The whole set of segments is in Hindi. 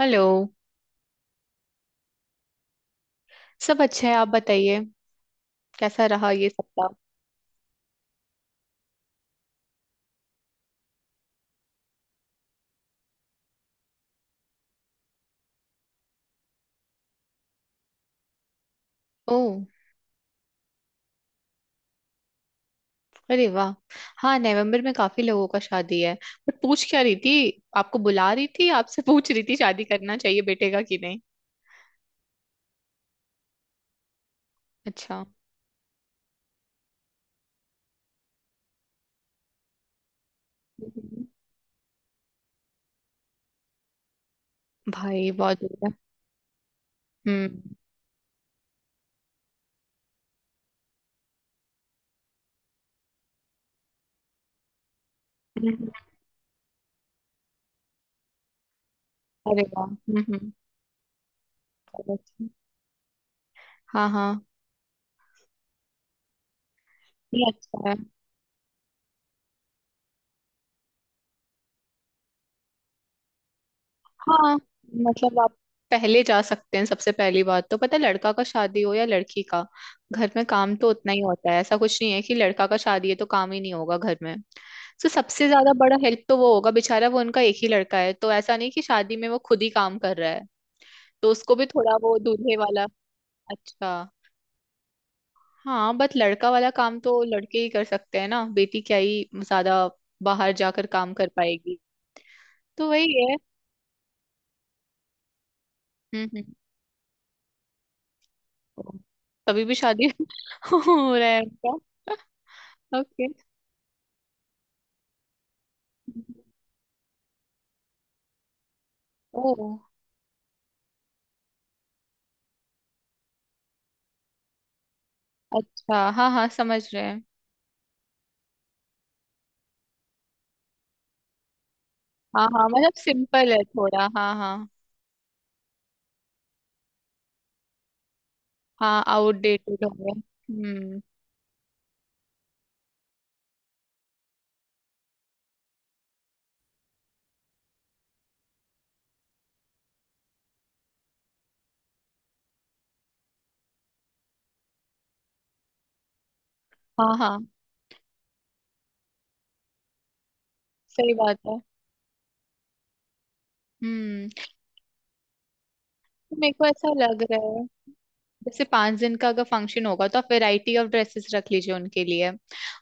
हेलो। सब अच्छा है, आप बताइए। कैसा रहा ये सप्ताह? ओह। अरे वाह। हाँ, नवंबर में काफी लोगों का शादी है। बट पूछ क्या रही थी, आपको बुला रही थी, आपसे पूछ रही थी शादी करना चाहिए बेटे का कि नहीं? अच्छा। हम्म। भाई बहुत बढ़िया। हम्म हम्म। अरे वाह। हम्म। बहुत अच्छा। हाँ हाँ। ये अच्छा है। हाँ मतलब आप पहले जा सकते हैं। सबसे पहली बात तो पता है, लड़का का शादी हो या लड़की का, घर में काम तो उतना ही होता है। ऐसा कुछ नहीं है कि लड़का का शादी है तो काम ही नहीं होगा घर में। तो सबसे ज्यादा बड़ा हेल्प तो वो होगा बेचारा, वो उनका एक ही लड़का है तो ऐसा नहीं कि शादी में वो खुद ही काम कर रहा है। तो उसको भी थोड़ा वो दूल्हे वाला। अच्छा हाँ, बट लड़का वाला काम तो लड़के ही कर सकते हैं ना, बेटी क्या ही ज्यादा बाहर जाकर काम कर पाएगी। तो वही है। हम्म। तभी भी शादी हो रहा है उनका? ओके। ओ अच्छा, हाँ हाँ, समझ रहे हैं। हाँ हाँ, मतलब सिंपल है थोड़ा, हाँ हाँ। हाँ आउटडेटेड हो गया। हम्म। हाँ हाँ, सही बात है। हम्म। तो मेरे को ऐसा लग रहा है, जैसे 5 दिन का अगर फंक्शन होगा तो आप वैरायटी ऑफ ड्रेसेस रख लीजिए उनके लिए।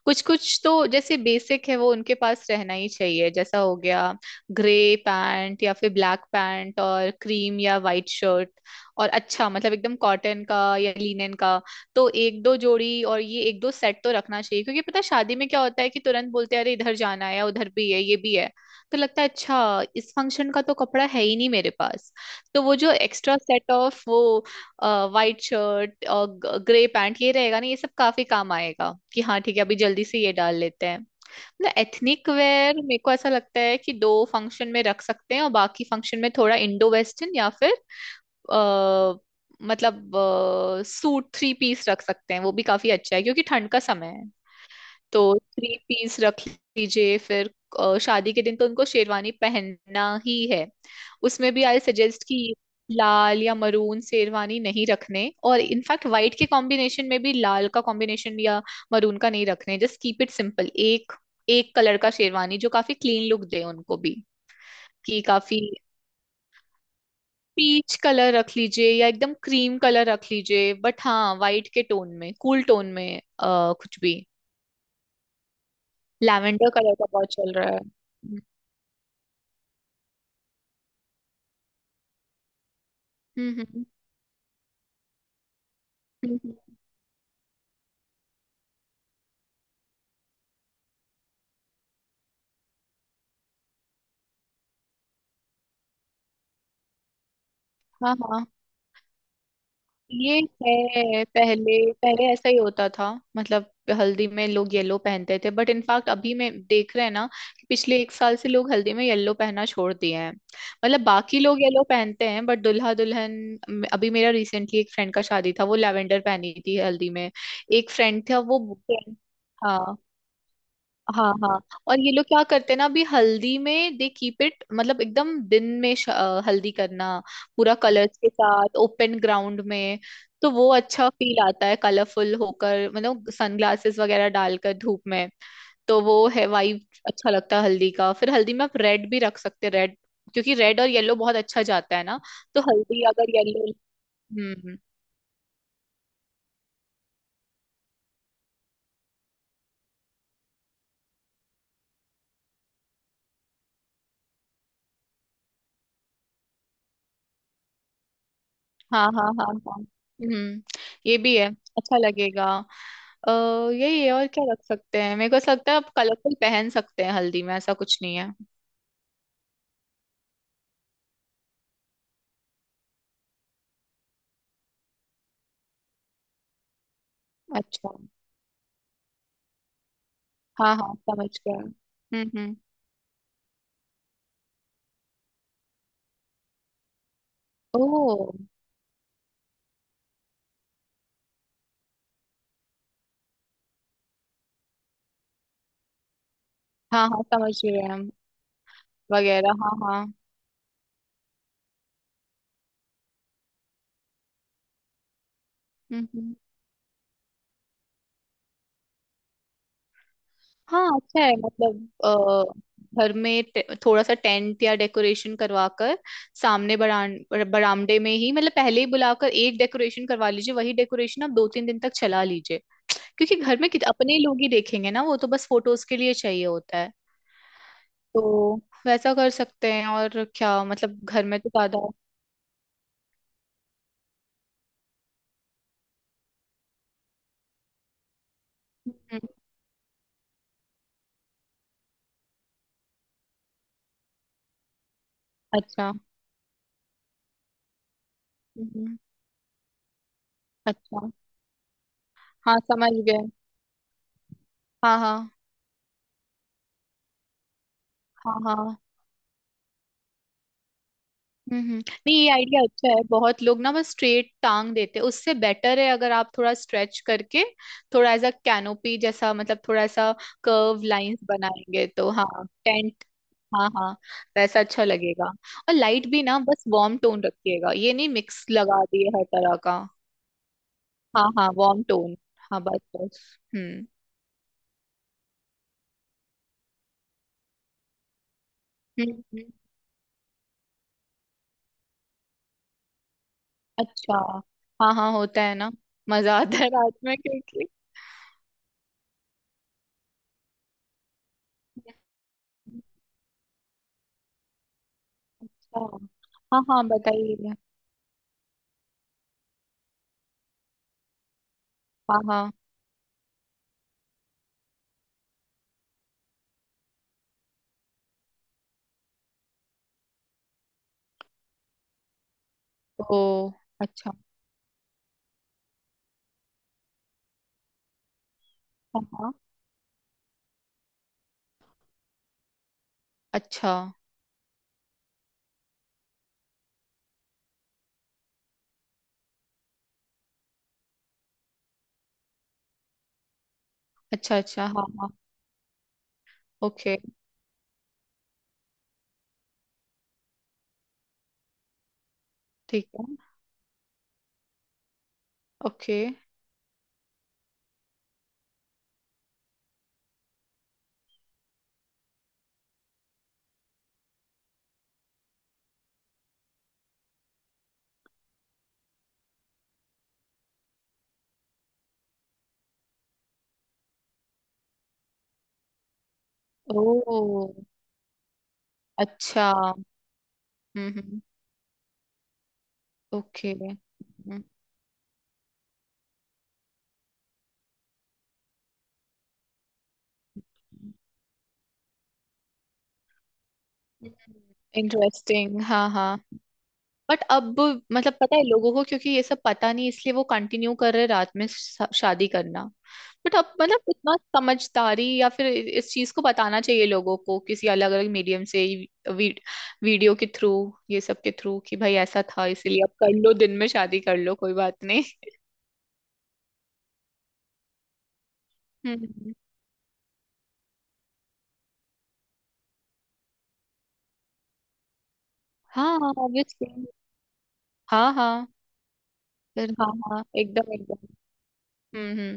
कुछ कुछ तो जैसे बेसिक है वो उनके पास रहना ही चाहिए, जैसा हो गया ग्रे पैंट या फिर ब्लैक पैंट और क्रीम या वाइट शर्ट। और अच्छा मतलब एकदम कॉटन का या लिनन का। तो एक दो जोड़ी और ये एक दो सेट तो रखना चाहिए, क्योंकि पता है शादी में क्या होता है कि तुरंत बोलते हैं, अरे इधर जाना है या उधर भी है ये भी है, तो लगता है अच्छा इस फंक्शन का तो कपड़ा है ही नहीं मेरे पास। तो वो जो एक्स्ट्रा सेट ऑफ वो वाइट शर्ट और ग्रे पैंट ये रहेगा ना, ये सब काफी काम आएगा कि हाँ ठीक है अभी जल्दी से ये डाल लेते हैं। ना एथनिक वेयर मेरे को ऐसा लगता है कि दो फंक्शन में रख सकते हैं, और बाकी फंक्शन में थोड़ा इंडो वेस्टर्न या फिर अ, मतलब सूट थ्री पीस रख सकते हैं। वो भी काफी अच्छा है क्योंकि ठंड का समय है। तो थ्री पीस रख लीजिए फिर। शादी के दिन तो उनको शेरवानी पहनना ही है। उसमें भी आई सजेस्ट कि लाल या मरून शेरवानी नहीं रखने, और इनफैक्ट वाइट के कॉम्बिनेशन में भी लाल का कॉम्बिनेशन या मरून का नहीं रखने। Just keep it simple. एक एक कलर का शेरवानी जो काफी क्लीन लुक दे उनको भी। कि काफी पीच कलर रख लीजिए, या एकदम क्रीम कलर रख लीजिए। बट हाँ, वाइट के टोन में, कूल टोन में कुछ भी। लैवेंडर कलर का बहुत चल रहा है। हम्म। हम्म, हम्म, हाँ हाँ। ये है। पहले पहले ऐसा ही होता था, मतलब हल्दी में लोग येलो पहनते थे। बट इनफैक्ट अभी में देख रहे हैं ना कि पिछले एक साल से लोग हल्दी में येलो पहनना छोड़ दिए हैं। मतलब बाकी लोग येलो पहनते हैं, बट दुल्हा दुल्हन। अभी मेरा रिसेंटली एक फ्रेंड का शादी था, वो लैवेंडर पहनी थी हल्दी में। एक फ्रेंड था वो। हाँ हाँ हाँ। और ये लोग क्या करते हैं ना, अभी हल्दी में दे कीप इट, मतलब एकदम दिन में हल्दी करना पूरा कलर्स के साथ ओपन ग्राउंड में। तो वो अच्छा फील आता है कलरफुल होकर, मतलब सनग्लासेस वगैरह डालकर धूप में। तो वो है वाइब। अच्छा लगता है हल्दी का। फिर हल्दी में आप रेड भी रख सकते हैं, रेड, क्योंकि रेड और येलो बहुत अच्छा जाता है ना। तो हल्दी अगर येलो। हम्म हम्म। हाँ हाँ हाँ हाँ। हम्म। ये भी है, अच्छा लगेगा। अ, यही है। और क्या रख सकते हैं? मेरे को ऐसा लगता है आप कलरफुल पहन सकते हैं हल्दी में, ऐसा कुछ नहीं है। अच्छा हाँ हाँ, समझ गया। हम्म। ओह। हाँ हाँ समझ गए हम। वगैरह हाँ हाँ। हम्म। हाँ अच्छा है, मतलब घर में थोड़ा सा टेंट या डेकोरेशन करवा कर, सामने बरान बरामदे में ही, मतलब पहले ही बुलाकर एक डेकोरेशन करवा लीजिए। वही डेकोरेशन आप दो तीन दिन तक चला लीजिए। क्योंकि घर में अपने लोग ही देखेंगे ना, वो तो बस फोटोज के लिए चाहिए होता है। तो वैसा कर सकते हैं। और क्या मतलब, घर में तो ज्यादा। हम्म, अच्छा। हम्म, अच्छा। हाँ समझ गए। हाँ हाँ हाँ हाँ। हम्म हम्म। नहीं, ये आइडिया अच्छा है। बहुत लोग ना बस स्ट्रेट टांग देते हैं, उससे बेटर है अगर आप थोड़ा स्ट्रेच करके, थोड़ा ऐसा कैनोपी जैसा, मतलब थोड़ा सा कर्व लाइंस बनाएंगे तो हाँ। टेंट। हाँ हाँ, वैसा अच्छा लगेगा। और लाइट भी ना, बस वार्म टोन रखिएगा, ये नहीं मिक्स लगा दिए हर तरह का। हाँ हाँ वार्म टोन। हाँ बस बस। हम्म हम्म। अच्छा। हाँ हाँ होता है ना। मजा आता है रात में क्योंकि अच्छा। हाँ हाँ बताइए। हाँ हाँ। ओ अच्छा। हाँ हाँ। अच्छा अच्छा। अच्छा हाँ हाँ। ओके ठीक है। ओके। ओ अच्छा। हम्म। ओके। इंटरेस्टिंग हाँ हाँ। बट अब मतलब पता है लोगों को क्योंकि ये सब पता नहीं, इसलिए वो कंटिन्यू कर रहे रात में शादी करना। बट अब मतलब इतना समझदारी या फिर इस चीज को बताना चाहिए लोगों को किसी अलग अलग मीडियम से ही, वीडियो के थ्रू, ये सब के थ्रू, कि भाई ऐसा था इसीलिए अब कर लो दिन में शादी कर लो कोई बात नहीं। हम्म। हाँ हाँ ऑब्वियसली। हाँ हाँ। फिर हाँ हाँ एकदम एकदम। हम्म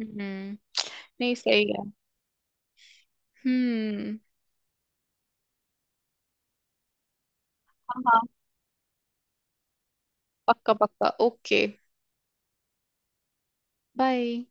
हम्म। हम्म। नहीं सही है। हम्म। हाँ हाँ पक्का पक्का ओके। बाय।